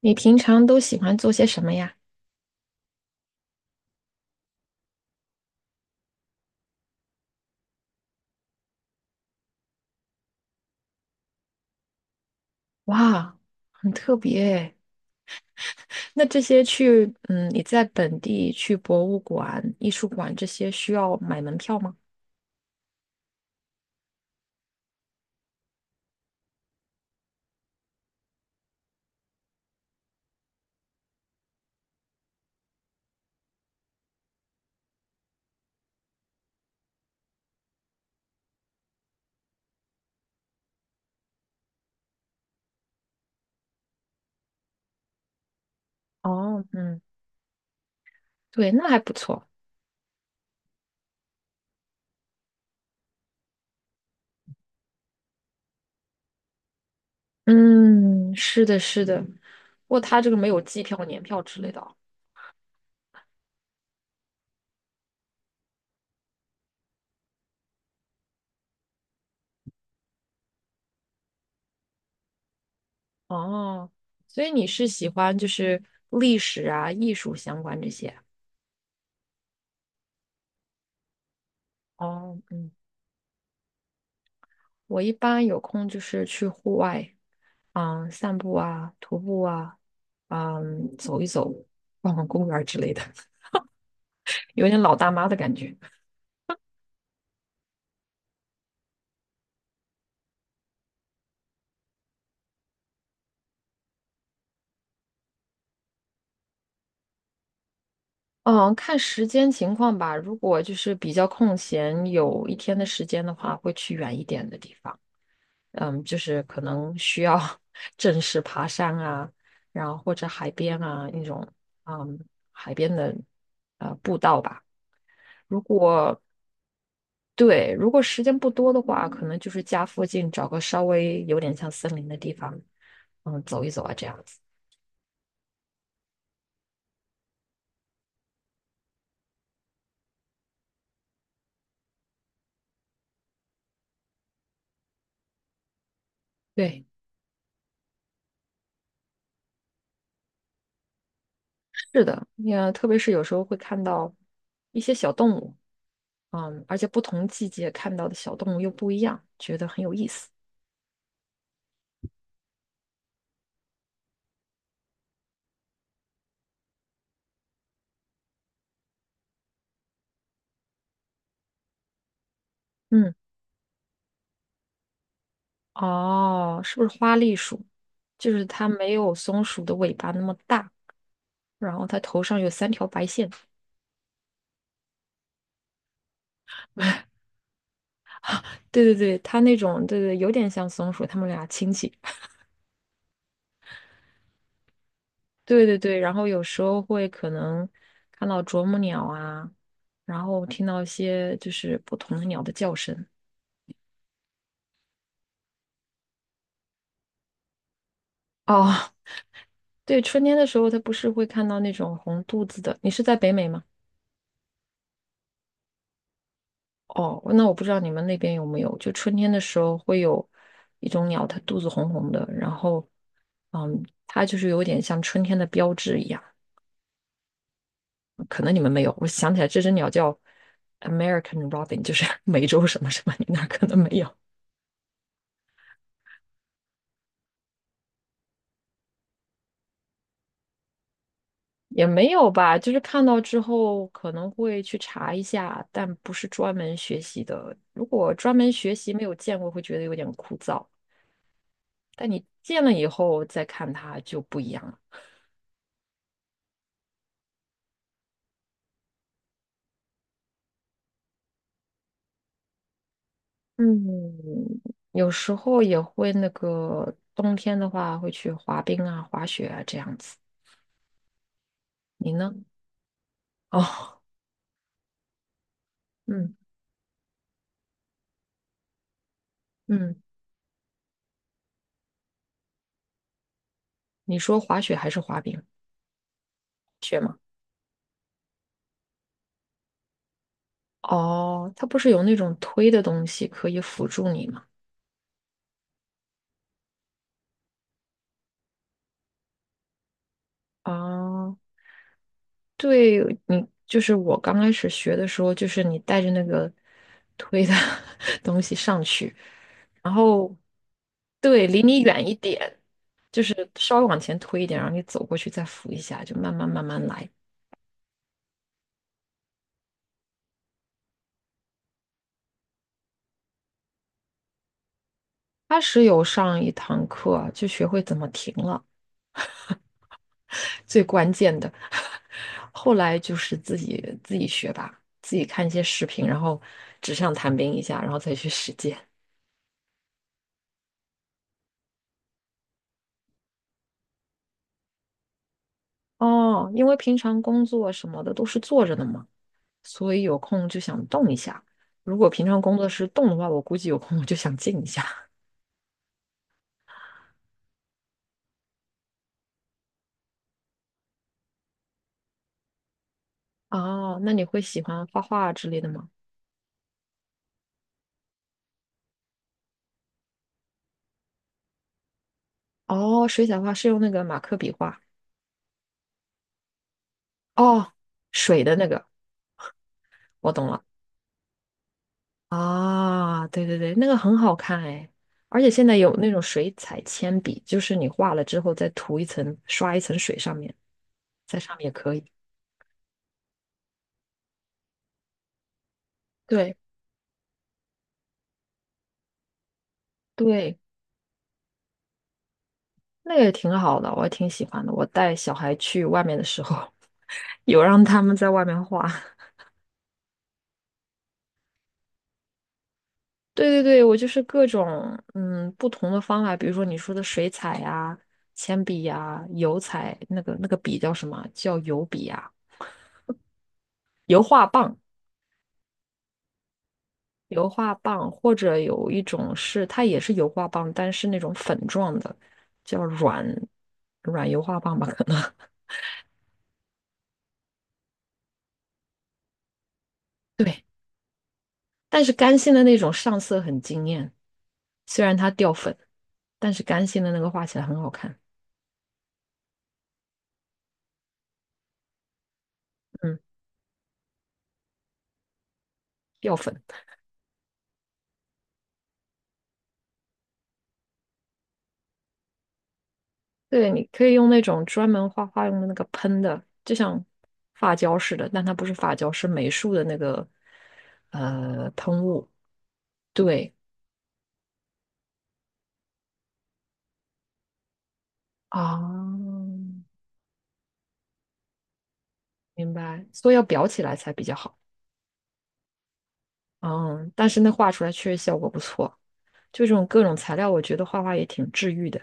你平常都喜欢做些什么呀？哇，很特别诶。那这些去，你在本地去博物馆、艺术馆这些需要买门票吗？哦，嗯，对，那还不错。嗯，是的，是的。不过它这个没有季票、年票之类的哦。哦，所以你是喜欢就是历史啊、艺术相关这些啊？哦，嗯，我一般有空就是去户外。嗯，散步啊，徒步啊，嗯，走一走，逛逛公园儿之类的，有点老大妈的感觉。嗯，看时间情况吧。如果就是比较空闲，有一天的时间的话，会去远一点的地方。嗯，就是可能需要 正式爬山啊，然后或者海边啊那种，嗯，海边的步道吧。如果对，如果时间不多的话，可能就是家附近找个稍微有点像森林的地方，嗯，走一走啊，这样子。对，是的，也特别是有时候会看到一些小动物，嗯，而且不同季节看到的小动物又不一样，觉得很有意思。嗯，哦，是不是花栗鼠？就是它没有松鼠的尾巴那么大，然后它头上有三条白线。对对对，它那种，对对，有点像松鼠，它们俩亲戚。对对对，然后有时候会可能看到啄木鸟啊，然后听到一些就是不同的鸟的叫声。哦，对，春天的时候它不是会看到那种红肚子的。你是在北美吗？哦，那我不知道你们那边有没有，就春天的时候会有一种鸟，它肚子红红的，然后，嗯，它就是有点像春天的标志一样。可能你们没有，我想起来这只鸟叫 American Robin，就是 美洲什么什么，你那儿可能没有。也没有吧，就是看到之后可能会去查一下，但不是专门学习的。如果专门学习没有见过，会觉得有点枯燥。但你见了以后再看它就不一样了。嗯，有时候也会那个冬天的话会去滑冰啊、滑雪啊这样子。你呢？哦，嗯嗯，你说滑雪还是滑冰？雪吗？哦，它不是有那种推的东西可以辅助你吗？哦。就是我刚开始学的时候，就是你带着那个推的 东西上去，然后对，离你远一点，就是稍微往前推一点，然后你走过去再扶一下，就慢慢慢慢来。他是有上一堂课啊，就学会怎么停了，最关键的。后来就是自己学吧，自己看一些视频，然后纸上谈兵一下，然后再去实践。哦，因为平常工作什么的都是坐着的嘛，所以有空就想动一下。如果平常工作是动的话，我估计有空我就想静一下。哦，那你会喜欢画画之类的吗？哦，水彩画是用那个马克笔画。哦，水的那个，我懂了。啊，对对对，那个很好看哎，而且现在有那种水彩铅笔，就是你画了之后再涂一层，刷一层水上面，在上面也可以。对对，那个也挺好的，我也挺喜欢的。我带小孩去外面的时候，有让他们在外面画。对对对，我就是各种不同的方法，比如说你说的水彩呀、铅笔呀、油彩，那个笔叫什么？叫油笔呀、油画棒、油画棒，或者有一种是它也是油画棒，但是那种粉状的，叫软油画棒吧，可能。对，但是干性的那种上色很惊艳，虽然它掉粉，但是干性的那个画起来很好看。嗯，掉粉，对，你可以用那种专门画画用的那个喷的，就像发胶似的，但它不是发胶，是美术的那个喷雾。对啊，明白，所以要裱起来才比较好。嗯，但是那画出来确实效果不错，就这种各种材料，我觉得画画也挺治愈的。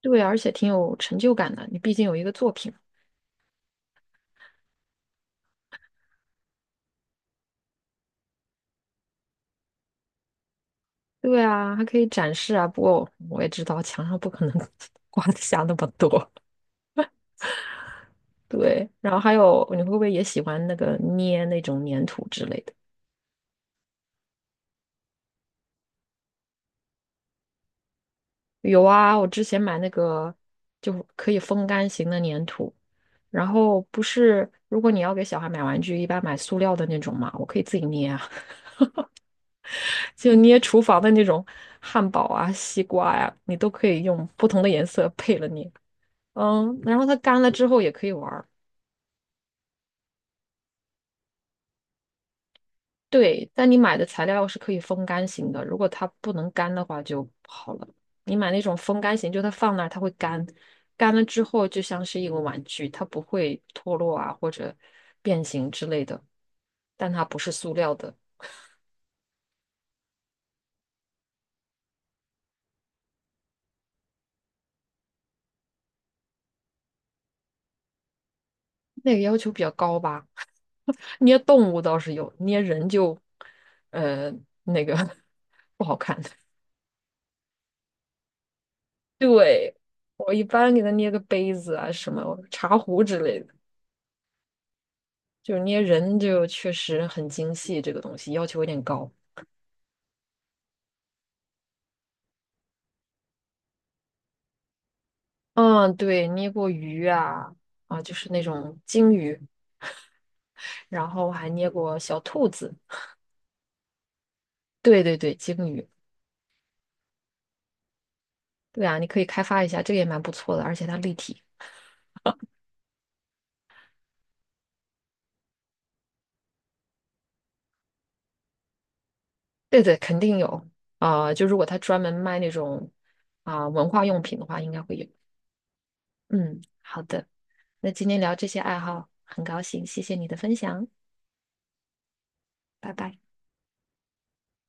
对，而且挺有成就感的，你毕竟有一个作品。对啊，还可以展示啊。不过我也知道墙上不可能 挂得下那么多。对，然后还有，你会不会也喜欢那个捏那种粘土之类的？有啊，我之前买那个就可以风干型的粘土，然后不是，如果你要给小孩买玩具，一般买塑料的那种嘛，我可以自己捏啊，就捏厨房的那种汉堡啊、西瓜呀、你都可以用不同的颜色配了捏。嗯，然后它干了之后也可以玩对，但你买的材料是可以风干型的，如果它不能干的话就不好了。你买那种风干型，就它放那儿它会干，干了之后就像是一个玩具，它不会脱落啊或者变形之类的，但它不是塑料的，那个要求比较高吧。捏动物倒是有，捏人就呃那个 不好看。对，我一般给它捏个杯子啊什么茶壶之类的。就是捏人就确实很精细，这个东西要求有点高。嗯，对，捏过鱼啊，啊，就是那种鲸鱼，然后还捏过小兔子。对对对，鲸鱼，对啊，你可以开发一下，这个也蛮不错的，而且它立体。对对，肯定有啊，就如果他专门卖那种文化用品的话，应该会有。嗯，好的，那今天聊这些爱好，很高兴，谢谢你的分享，拜拜。